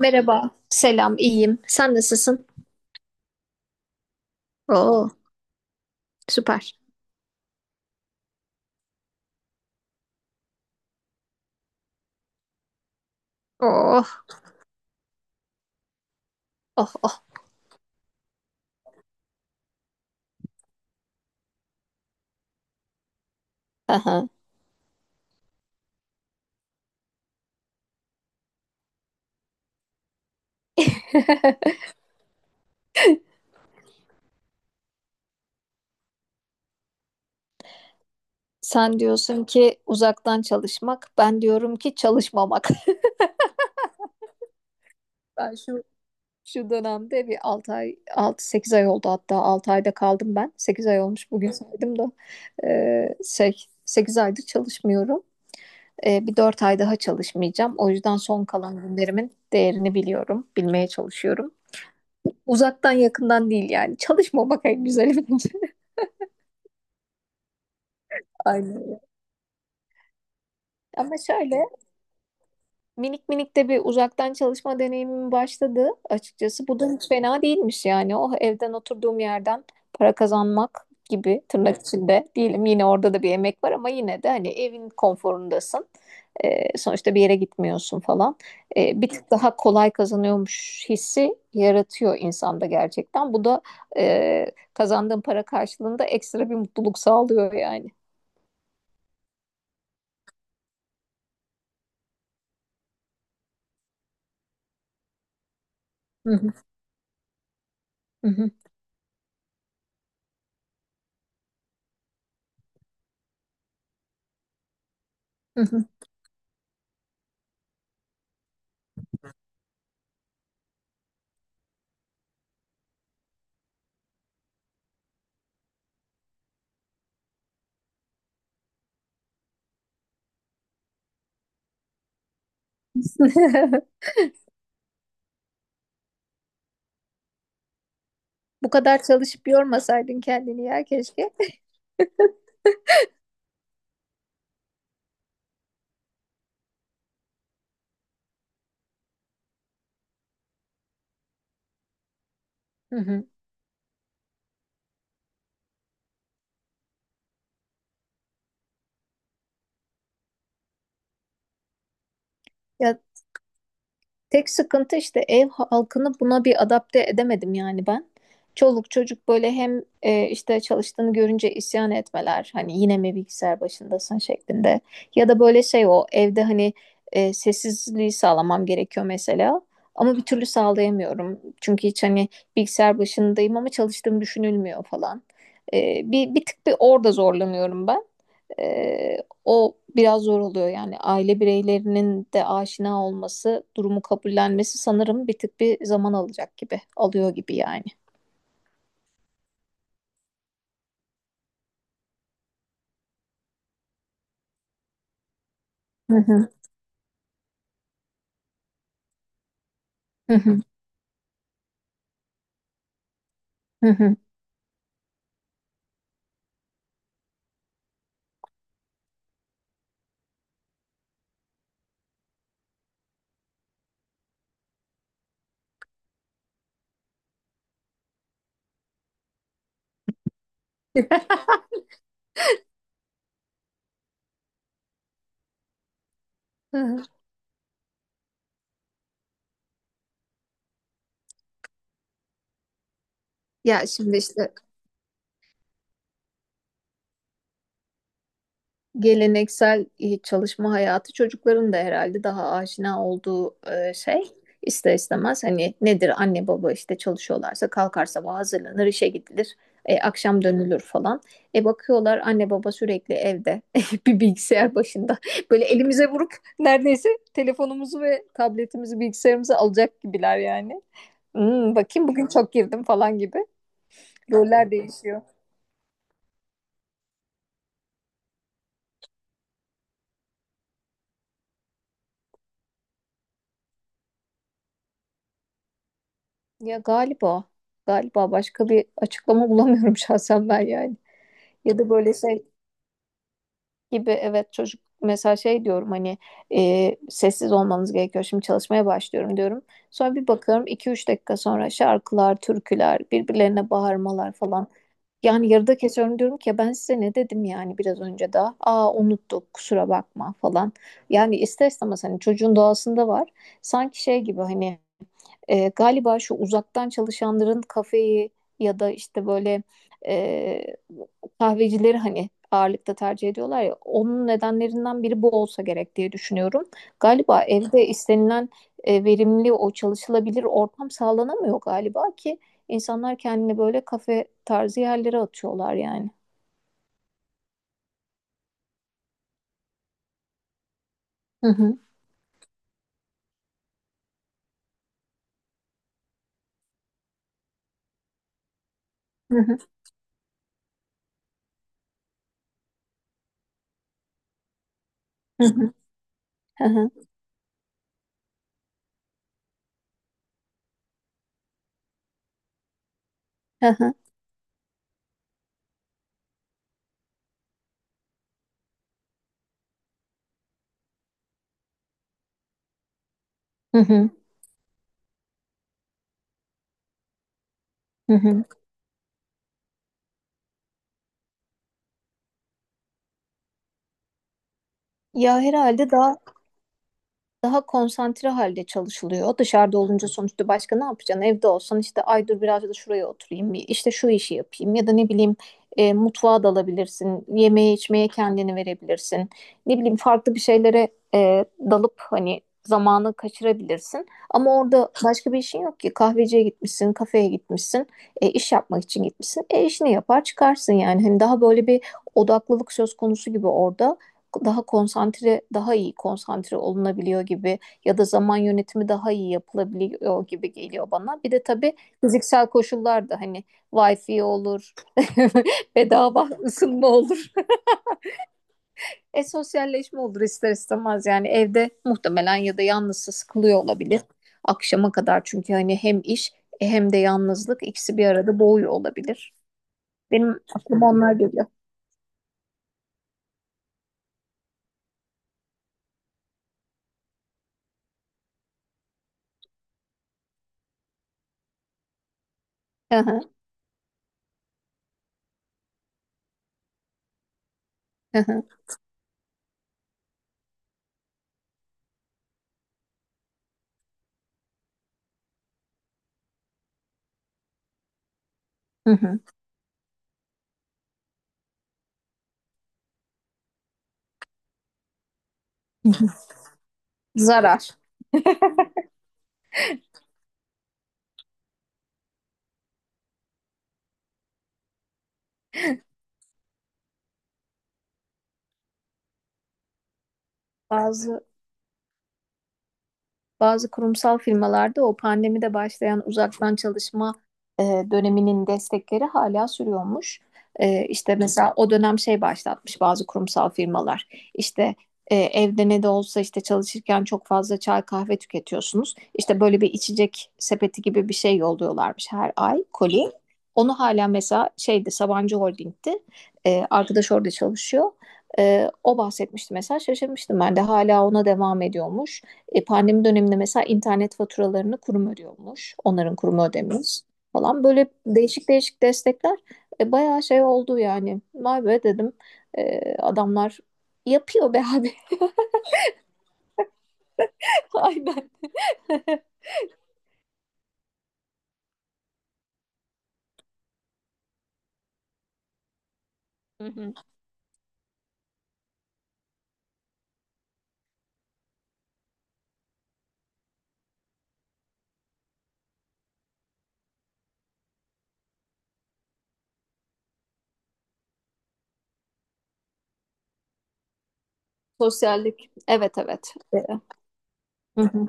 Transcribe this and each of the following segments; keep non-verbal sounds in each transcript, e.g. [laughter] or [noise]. Merhaba. Selam, iyiyim. Sen nasılsın? Oo, süper. Oh, oh, oh. Aha. [laughs] Sen diyorsun ki uzaktan çalışmak, ben diyorum ki çalışmamak. [laughs] Ben şu dönemde bir 6 ay, 6 sekiz ay oldu hatta 6 ayda kaldım ben. 8 ay olmuş bugün saydım da. 8 aydır çalışmıyorum. Bir 4 ay daha çalışmayacağım. O yüzden son kalan günlerimin değerini biliyorum, bilmeye çalışıyorum. Uzaktan yakından değil yani. Çalışmamak en güzeli bence. Aynen. Öyle. Ama şöyle minik minik de bir uzaktan çalışma deneyimim başladı açıkçası. Bu da hiç fena değilmiş yani. O evden oturduğum yerden para kazanmak gibi tırnak içinde diyelim, yine orada da bir emek var ama yine de hani evin konforundasın. Sonuçta bir yere gitmiyorsun falan. Bir tık daha kolay kazanıyormuş hissi yaratıyor insanda gerçekten. Bu da e, kazandığın para karşılığında ekstra bir mutluluk sağlıyor yani. Hı hı, hı hı, hı hı. [laughs] Bu kadar çalışıp yormasaydın kendini ya keşke. Hı hı. Ya, tek sıkıntı işte ev halkını buna bir adapte edemedim yani ben. Çoluk çocuk böyle hem işte çalıştığını görünce isyan etmeler, hani yine mi bilgisayar başındasın şeklinde, ya da böyle şey, o evde hani sessizliği sağlamam gerekiyor mesela ama bir türlü sağlayamıyorum çünkü hiç hani bilgisayar başındayım ama çalıştığım düşünülmüyor falan. Bir tık bir orada zorlanıyorum ben. Ee, O biraz zor oluyor yani, aile bireylerinin de aşina olması, durumu kabullenmesi sanırım bir tık bir zaman alacak gibi, alıyor gibi yani. Hı hı. Hı hı. Hı hı. [laughs] Hı hı. Ya şimdi işte geleneksel çalışma hayatı çocukların da herhalde daha aşina olduğu şey, ister istemez hani nedir, anne baba işte çalışıyorlarsa kalkar, sabah hazırlanır, işe gidilir, akşam dönülür falan. E, bakıyorlar anne baba sürekli evde [laughs] bir bilgisayar başında [laughs] böyle elimize vurup neredeyse telefonumuzu ve tabletimizi bilgisayarımıza alacak gibiler yani. Hmm, bakayım bugün çok girdim falan gibi, roller değişiyor. Ya galiba, galiba başka bir açıklama bulamıyorum [laughs] şahsen ben yani. Ya da böyle şey gibi, evet, çocuk mesela şey diyorum hani, sessiz olmanız gerekiyor şimdi, çalışmaya başlıyorum diyorum. Sonra bir bakıyorum iki üç dakika sonra şarkılar, türküler, birbirlerine bağırmalar falan. Yani yarıda kesiyorum, diyorum ki "Ya ben size ne dedim yani biraz önce daha." "Aa, unuttuk, kusura bakma" falan. Yani ister istemez hani çocuğun doğasında var. Sanki şey gibi hani, galiba şu uzaktan çalışanların kafeyi ya da işte böyle e, kahvecileri hani ağırlıkta tercih ediyorlar ya, onun nedenlerinden biri bu olsa gerek diye düşünüyorum. Galiba evde istenilen verimli o çalışılabilir ortam sağlanamıyor galiba ki insanlar kendini böyle kafe tarzı yerlere atıyorlar yani. Hı hı. Hı hı. Hı hı. Hı hı. Hı hı. Hı hı. Ya herhalde daha konsantre halde çalışılıyor. Dışarıda olunca sonuçta başka ne yapacaksın? Evde olsan işte, ay dur biraz da şuraya oturayım, işte şu işi yapayım, ya da ne bileyim mutfağa dalabilirsin, yemeğe içmeye kendini verebilirsin. Ne bileyim, farklı bir şeylere dalıp hani zamanı kaçırabilirsin. Ama orada başka bir işin yok ki. Kahveciye gitmişsin, kafeye gitmişsin, iş yapmak için gitmişsin. E, işini yapar çıkarsın yani. Hani daha böyle bir odaklılık söz konusu gibi orada, daha konsantre, daha iyi konsantre olunabiliyor gibi, ya da zaman yönetimi daha iyi yapılabiliyor gibi geliyor bana. Bir de tabii fiziksel koşullar da hani, wifi olur, [laughs] bedava ısınma olur. [laughs] E, sosyalleşme olur ister istemez yani, evde muhtemelen ya da yalnızsa sıkılıyor olabilir. Akşama kadar, çünkü hani hem iş hem de yalnızlık, ikisi bir arada boğuyor olabilir. Benim aklıma onlar geliyor. Hı hı, hı hı, hı hı. Zarar. Bazı Bazı kurumsal firmalarda o pandemide başlayan uzaktan çalışma e, döneminin destekleri hala sürüyormuş. E, işte mesela o dönem şey başlatmış bazı kurumsal firmalar. İşte evde ne de olsa işte çalışırken çok fazla çay kahve tüketiyorsunuz. İşte böyle bir içecek sepeti gibi bir şey yolluyorlarmış her ay, koli. Onu hala mesela, şeydi, Sabancı Holding'ti. E, arkadaş orada çalışıyor. E, o bahsetmişti mesela, şaşırmıştım ben de, hala ona devam ediyormuş. E, pandemi döneminde mesela internet faturalarını kurum ödüyormuş. Onların kurumu ödemiş falan. Böyle değişik değişik destekler bayağı şey oldu yani. Vay be dedim. E, adamlar yapıyor be abi. [laughs] Aynen. [laughs] Hı hı. Sosyallik. Evet, evet. E, hı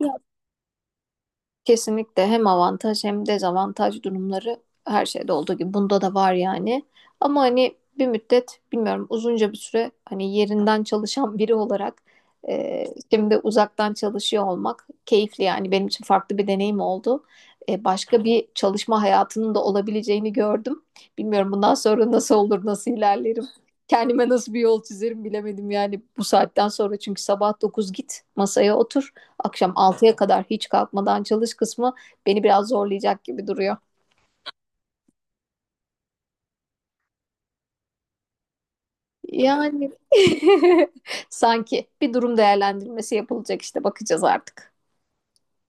hı. Kesinlikle hem avantaj hem dezavantaj durumları, her şeyde olduğu gibi bunda da var yani. Ama hani bir müddet, bilmiyorum, uzunca bir süre hani yerinden çalışan biri olarak e, şimdi uzaktan çalışıyor olmak keyifli yani, benim için farklı bir deneyim oldu. E, başka bir çalışma hayatının da olabileceğini gördüm. Bilmiyorum bundan sonra nasıl olur, nasıl ilerlerim. Kendime nasıl bir yol çizerim bilemedim yani bu saatten sonra, çünkü sabah 9 git masaya otur, akşam altıya kadar hiç kalkmadan çalış kısmı beni biraz zorlayacak gibi duruyor. Yani [laughs] sanki bir durum değerlendirmesi yapılacak, işte bakacağız artık.